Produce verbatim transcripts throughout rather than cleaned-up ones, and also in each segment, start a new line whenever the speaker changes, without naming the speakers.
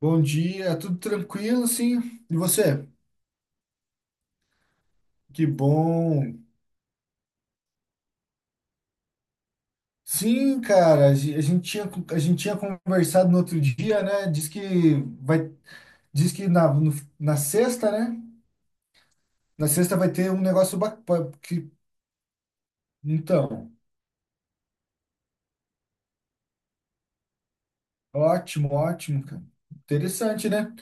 Bom dia, tudo tranquilo, sim. E você? Que bom. Sim, cara, a gen- a gente tinha, a gente tinha conversado no outro dia, né? Diz que vai, diz que na, no- na sexta, né? Na sexta vai ter um negócio bacana. Que, então, ótimo, ótimo, cara. Interessante, né?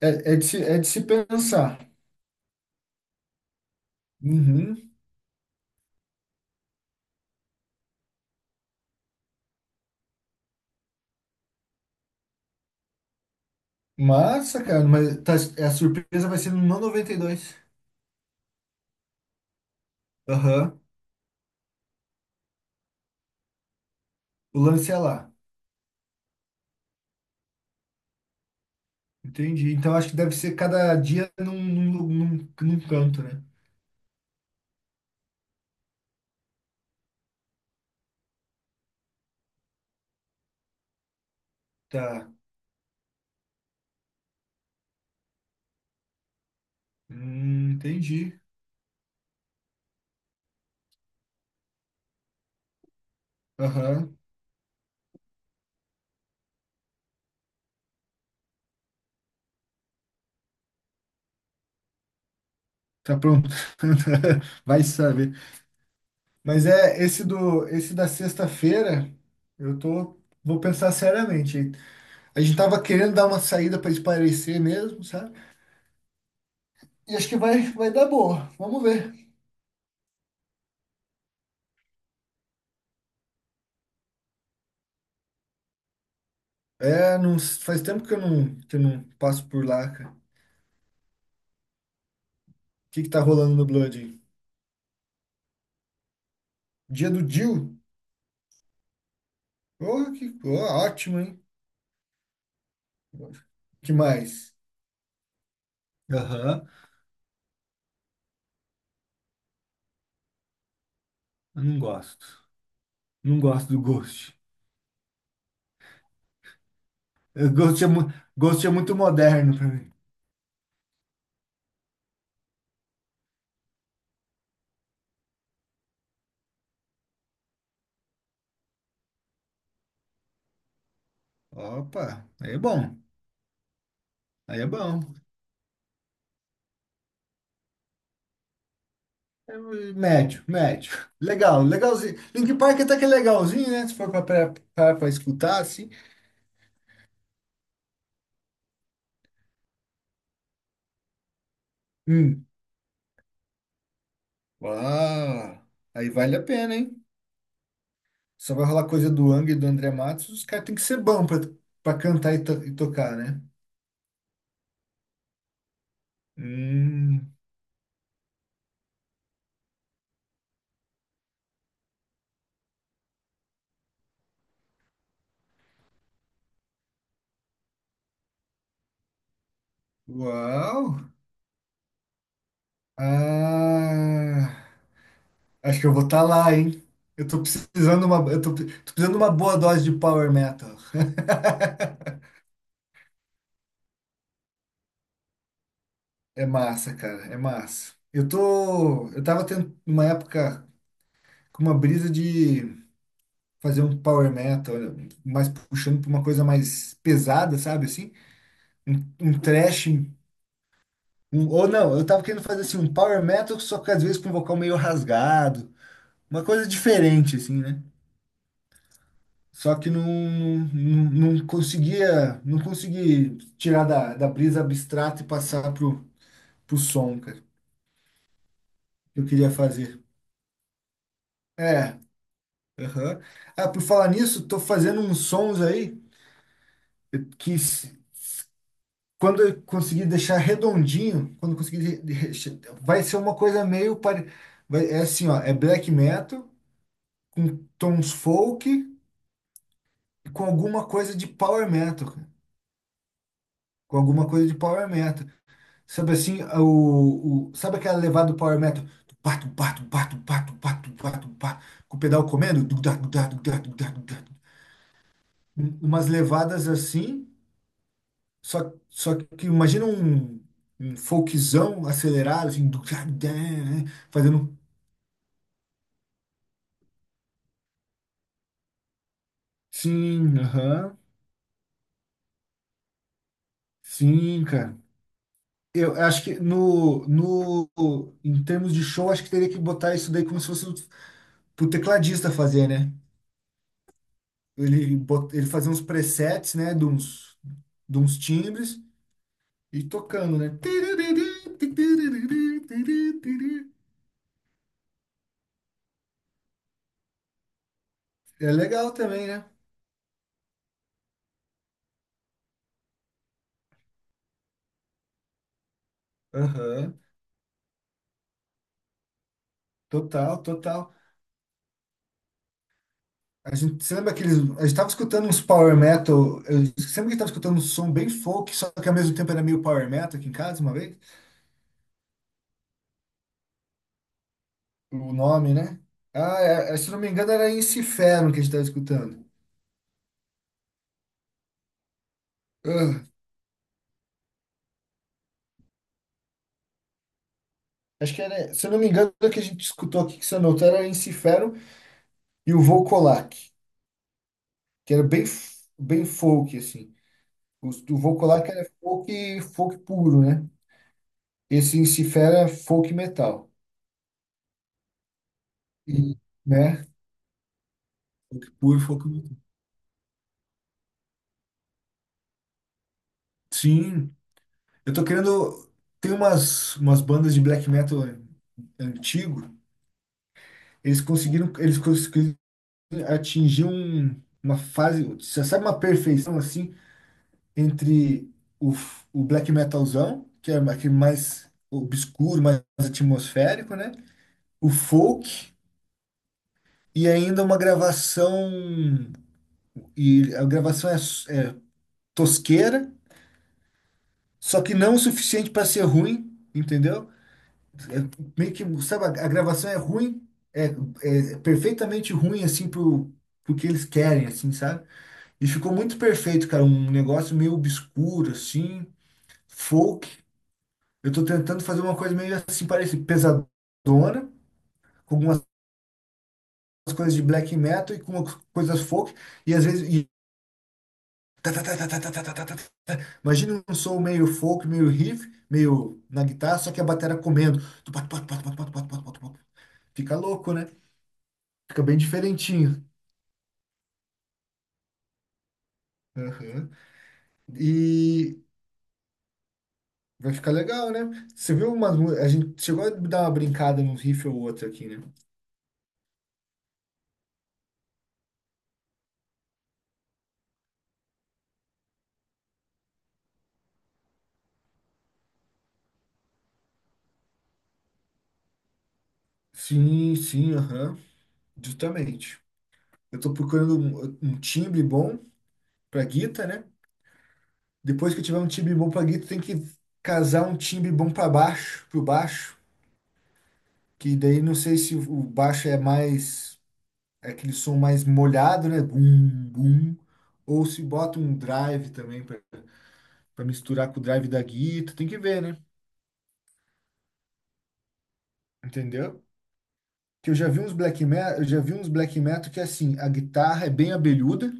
É, é de se, é de se pensar. Uhum. Massa, cara, mas tá- a surpresa vai ser no noventa e dois. Aham. O lance é lá. Entendi. Então acho que deve ser cada dia num, num, lu- num, num canto, né? Tá. Hum, entendi. Aham. Tá pronto. Vai saber. Mas é esse do esse da sexta-feira, eu tô vou pensar seriamente. A gente tava querendo dar uma saída para espairecer mesmo, sabe? E acho que vai vai dar boa. Vamos ver. É, não, faz tempo que eu não que eu não passo por lá, cara. O que que tá rolando no Blood? Dia do Jill? Oh, que ó, ótimo, hein? Que mais? Aham, eu não gosto. Não gosto do Ghost. Eu- Ghost é, mu Ghost é muito moderno pra mim. Opa, aí é bom. Aí é bom. É médio, médio. Legal, legalzinho. Linkin Park até que é legalzinho, né? Se for pra, pra, pra, pra escutar, assim. Hum. Uau, aí vale a pena, hein? Só vai rolar coisa do Angra e do André Matos. Os caras têm que ser bons pra, pra cantar e, to- e tocar, né? Hum. Uau. Ah. Acho que eu vou estar lá, hein? Eu tô precisando uma, eu tô, pre- tô precisando de uma boa dose de power metal. É massa, cara, é massa. Eu tô, eu tava tendo uma época com uma brisa de fazer um power metal, mais puxando pra uma coisa mais pesada, sabe assim? Um, um thrash, um- ou não, eu tava querendo fazer assim um power metal, só que às vezes com um vocal meio rasgado, uma coisa diferente assim, né? Só que não, não, não conseguia, não consegui tirar da, da brisa abstrata e passar pro, pro som, cara, que eu queria fazer. É, aham. Ah, por falar nisso, tô fazendo uns sons aí que s- quando eu conseguir deixar redondinho, quando eu conseguir de- de- vai ser uma coisa meio pare... Vai, é assim, ó, é black metal com tons folk e com alguma coisa de power metal, cara. Com alguma coisa de power metal. Sabe assim, o, o- sabe aquela levada do power metal? Tupá, tupá, tupá, tupá, tupá, tupá, tupá, com o pedal comendo? Dugdá, dugdá, dugdá, dugdá, dugdá. Um- Umas levadas assim, só, só que imagina um, um folkzão acelerado, assim, dugdá, dugdá, né, fazendo? Sim, aham, sim, cara. Eu acho que no, no, em termos de show, acho que teria que botar isso daí como se fosse pro tecladista fazer, né? ele, bot- ele fazia uns presets, né, de uns, de uns timbres e tocando, né? É legal também, né? Aham, total, total. A gente, você lembra aqueles. A gente tava escutando uns power metal. Eu sempre que tava escutando um som bem folk, só que ao mesmo tempo era meio power metal aqui em casa uma vez. O nome, né? Ah, é- é, se eu não me engano, era Inferno que a gente tava escutando. Ah, acho que era. Se eu não me engano, o que a gente escutou aqui que você anotou era Inferno E o Vokolak, que era bem, f- bem folk, assim. O, o Vokolak era folk, folk puro, né? Esse em si folk metal. E, né? Folk puro, folk metal. Sim, eu tô querendo. Tem umas, umas bandas de black metal antigo, eles conseguiram, eles conseguiram atingir um, uma fase, você sabe, uma perfeição assim entre o, f- o black metalzão, que é aquele mais obscuro, mais atmosférico, né? O folk e ainda uma gravação, e a gravação é, é tosqueira, só que não o suficiente para ser ruim, entendeu? É meio que, sabe, a a gravação é ruim, é, é perfeitamente ruim assim pro, pro que eles querem, assim, sabe? E ficou muito perfeito, cara, um negócio meio obscuro assim, folk. Eu tô tentando fazer uma coisa meio assim, parece pesadona, com algumas coisas de black metal e com umas coisas folk, e às vezes tá, tá, tá, tá, tá, tá, tá, tá, tá, tá, tá. Imagina um som meio folk, meio riff, meio na guitarra, só que a bateria comendo. Tu pat, pat, pat, pat, pat, pat, pat, pat, pat. Fica louco, né? Fica bem diferentinho. Aham. E vai ficar legal, né? Você viu umas. mu- A gente chegou a dar uma brincada num riff ou outro aqui, né? Sim, sim, aham. Justamente. Eu tô procurando um, um timbre bom pra guitarra, né? Depois que eu tiver um timbre bom pra guitar, tem que casar um timbre bom pra baixo, pro baixo. Que daí não sei se o baixo é mais, é aquele som mais molhado, né? Bum, bum. Ou se bota um drive também pra pra misturar com o drive da guitarra. Tem que ver, né? Entendeu? Que eu já vi uns black metal, eu já vi uns black metal que assim, a guitarra é bem abelhuda,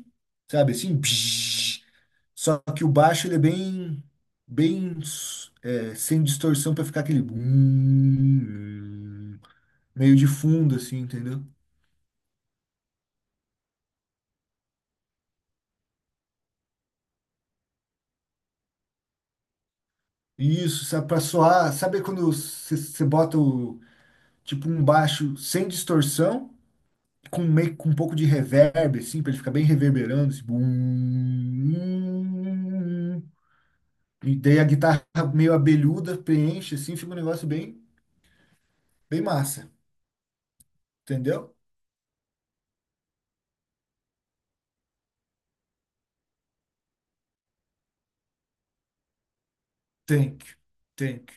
sabe? Assim, psh, só que o baixo ele é bem, bem é, sem distorção pra ficar aquele bum, meio de fundo, assim, entendeu? Isso, sabe, pra soar. Sabe quando você bota o, tipo um baixo sem distorção, com meio com um pouco de reverb, assim, pra ele ficar bem reverberando, assim, bum, e daí a guitarra meio abelhuda preenche, assim, fica um negócio bem, bem massa, entendeu? Thank you, thank you.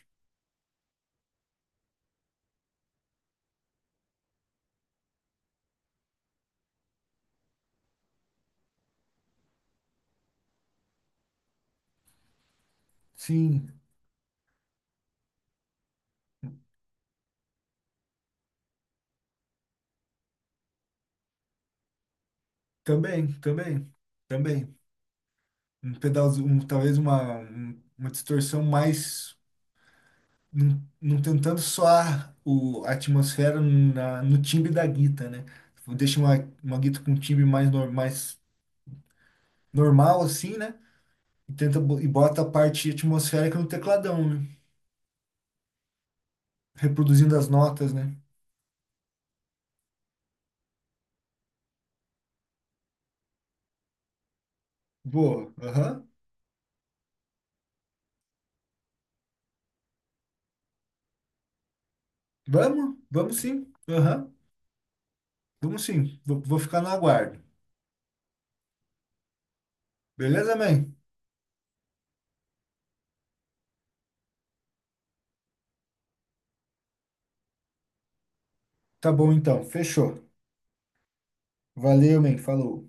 Sim, também, também, também. Um pedalzinho, um- talvez uma, um- uma distorção mais. não, não tentando soar o, a atmosfera na, no timbre da guita, né? Deixa uma, uma guita com um timbre mais, nor- mais normal, assim, né? E, tenta, bo- e bota a parte atmosférica no tecladão, né? Reproduzindo as notas, né? Boa, aham. Vamos, vamos sim, aham. Vamos sim, vou, vou ficar no aguardo. Beleza, man? Tá bom então, fechou. Valeu, man, falou.